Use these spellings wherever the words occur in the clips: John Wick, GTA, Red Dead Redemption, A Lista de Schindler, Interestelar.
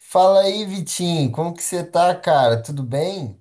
Fala aí, Vitinho, como que você tá, cara? Tudo bem?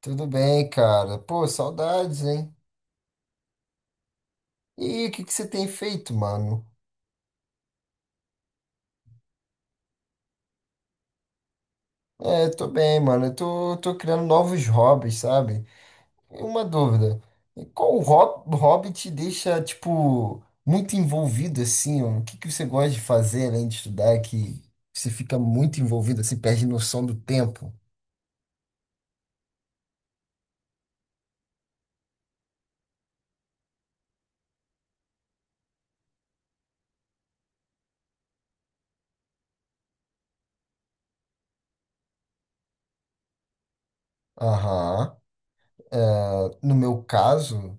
Tudo bem, cara. Pô, saudades, hein? E o que que você tem feito, mano? Tô bem, mano. Eu tô criando novos hobbies, sabe? E uma dúvida. Qual hobby te deixa, tipo, muito envolvido, assim? Ó? O que que você gosta de fazer, além de estudar, que você fica muito envolvido, assim, perde noção do tempo? Aham. No meu caso,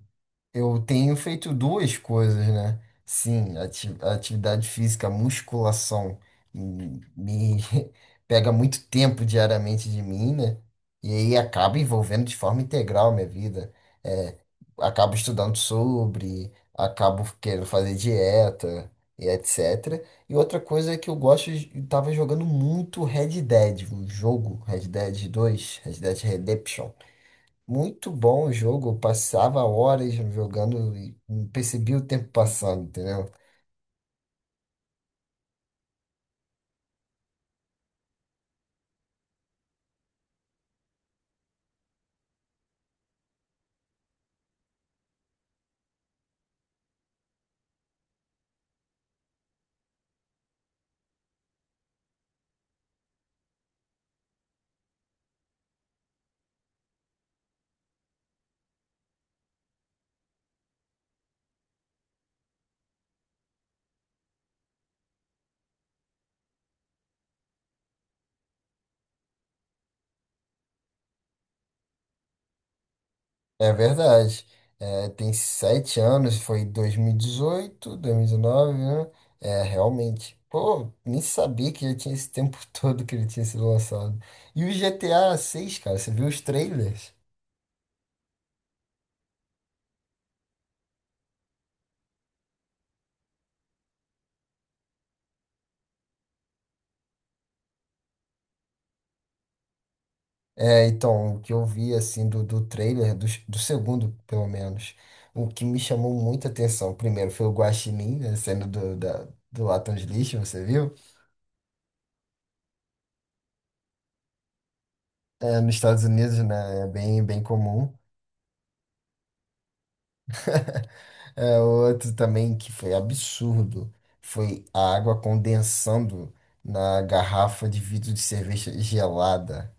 eu tenho feito duas coisas, né? Sim, atividade física, musculação, me pega muito tempo diariamente de mim, né? E aí acaba envolvendo de forma integral a minha vida. É, acabo estudando sobre, acabo querendo fazer dieta e etc. E outra coisa é que eu gosto, eu tava jogando muito Red Dead, o jogo, Red Dead dois, Red Dead Redemption. Muito bom o jogo, eu passava horas jogando e não percebia o tempo passando, entendeu? É verdade. É, tem sete anos, foi 2018, 2019, né? É, realmente. Pô, nem sabia que já tinha esse tempo todo que ele tinha sido lançado. E o GTA seis, cara, você viu os trailers? É, então, o que eu vi, assim, do trailer, do segundo, pelo menos, o que me chamou muita atenção, primeiro, foi o Guaxinim, né, sendo do, da, do latão de lixo, você viu? É, nos Estados Unidos, né, é bem, bem comum. É, outro também que foi absurdo, foi a água condensando na garrafa de vidro de cerveja gelada.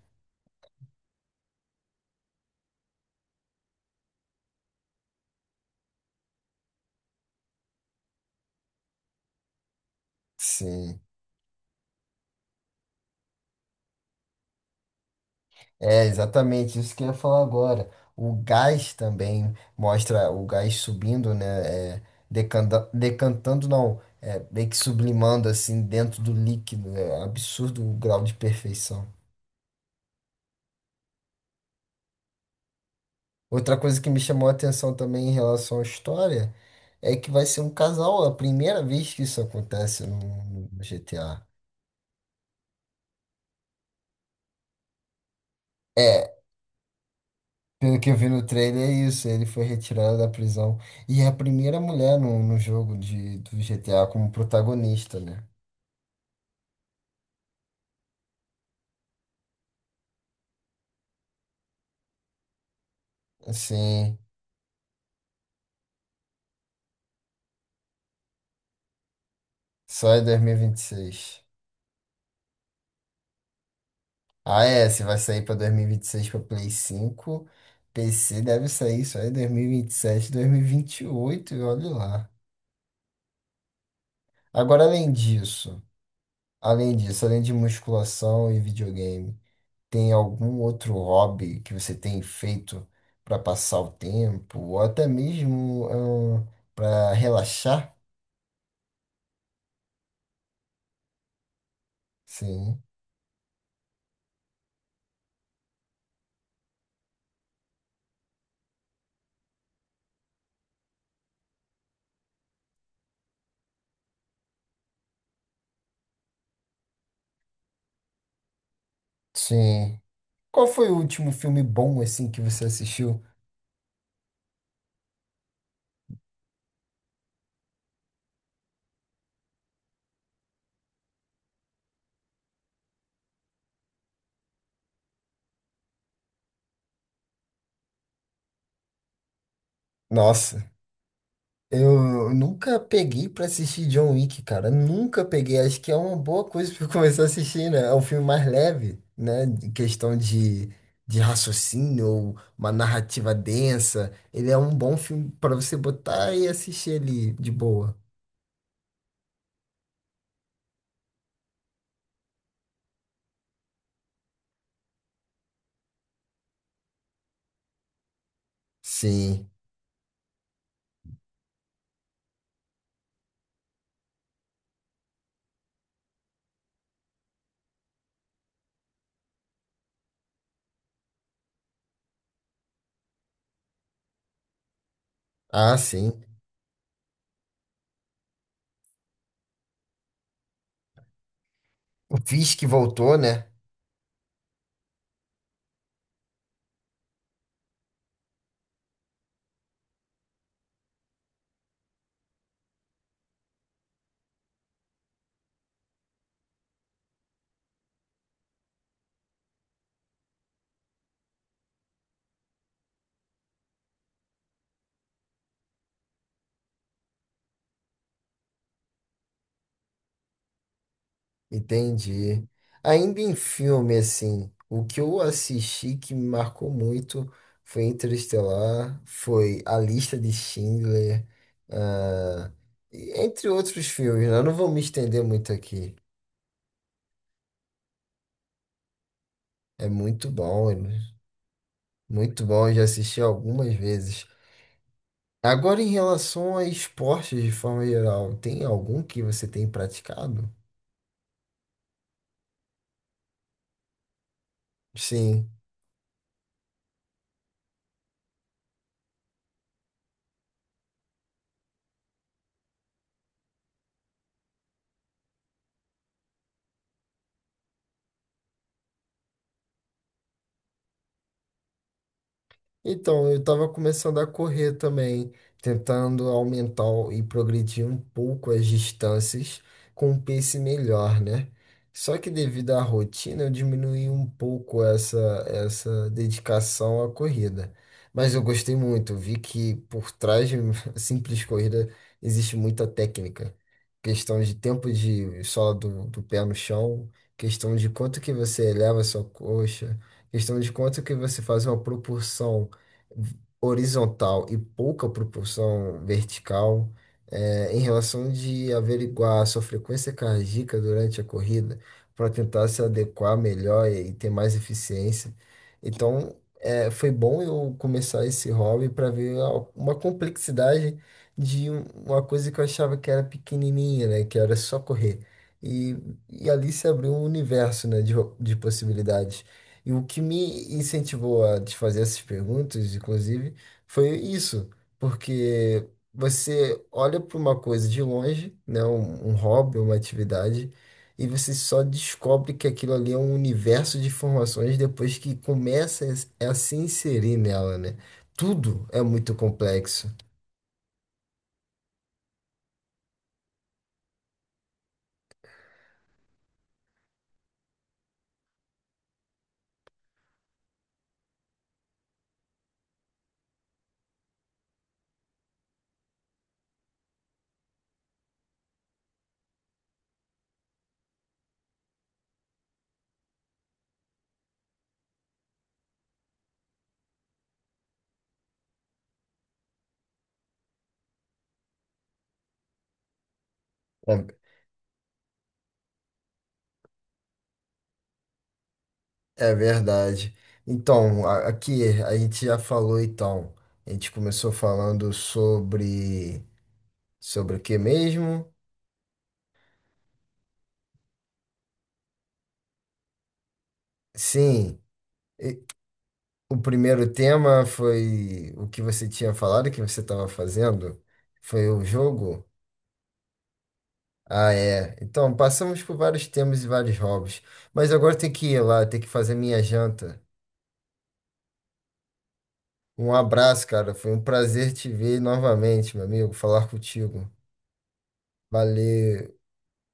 Sim. É exatamente isso que eu ia falar agora. O gás também, mostra o gás subindo, né? É, decantando, não, é, meio que sublimando assim dentro do líquido. Né, é um absurdo o grau de perfeição. Outra coisa que me chamou a atenção também em relação à história é que vai ser um casal, é a primeira vez que isso acontece no GTA. É, pelo que eu vi no trailer, é isso. Ele foi retirado da prisão. E é a primeira mulher no jogo de, do GTA como protagonista, né? Sim, só é dois mil e vinte e seis. Ah, é, se vai sair pra 2026 pra Play 5, PC deve sair só em dois mil e vinte e sete, dois mil e vinte e oito, e olha lá. Agora, além disso, além de musculação e videogame, tem algum outro hobby que você tem feito pra passar o tempo, ou até mesmo para relaxar? Sim, sim. Qual foi o último filme bom assim que você assistiu? Nossa. Eu nunca peguei pra assistir John Wick, cara. Nunca peguei. Acho que é uma boa coisa pra eu começar a assistir, né? É um filme mais leve, né? Em questão de raciocínio, ou uma narrativa densa. Ele é um bom filme pra você botar e assistir ali de boa. Sim. Ah, sim. O Fisk voltou, né? Entendi. Ainda em filme, assim, o que eu assisti que me marcou muito foi Interestelar, foi A Lista de Schindler, ah, e entre outros filmes, né? Eu não vou me estender muito aqui. É muito bom, é eu já assisti algumas vezes. Agora, em relação a esportes de forma geral, tem algum que você tem praticado? Sim. Então, eu estava começando a correr também, tentando aumentar e progredir um pouco as distâncias com um pace melhor, né? Só que devido à rotina, eu diminuí um pouco essa dedicação à corrida. Mas eu gostei muito, vi que por trás de uma simples corrida existe muita técnica. Questão de tempo de sola do pé no chão, questão de quanto que você eleva a sua coxa, questão de quanto que você faz uma propulsão horizontal e pouca propulsão vertical, é, em relação de averiguar a sua frequência cardíaca durante a corrida para tentar se adequar melhor e ter mais eficiência. Então, é, foi bom eu começar esse hobby para ver uma complexidade de uma coisa que eu achava que era pequenininha, né? Que era só correr. E, e ali se abriu um universo, né, de possibilidades. E o que me incentivou a te fazer essas perguntas, inclusive, foi isso, porque você olha para uma coisa de longe, né, um hobby, uma atividade, e você só descobre que aquilo ali é um universo de informações depois que começa a se inserir nela, né? Tudo é muito complexo. É, é verdade. Então, aqui a gente já falou, então, a gente começou falando sobre sobre o que mesmo? Sim, e o primeiro tema foi o que você tinha falado que você estava fazendo? Foi o jogo? Ah, é. Então, passamos por vários temas e vários hobbies. Mas agora tem que ir lá, tem que fazer minha janta. Um abraço, cara. Foi um prazer te ver novamente, meu amigo, falar contigo. Valeu.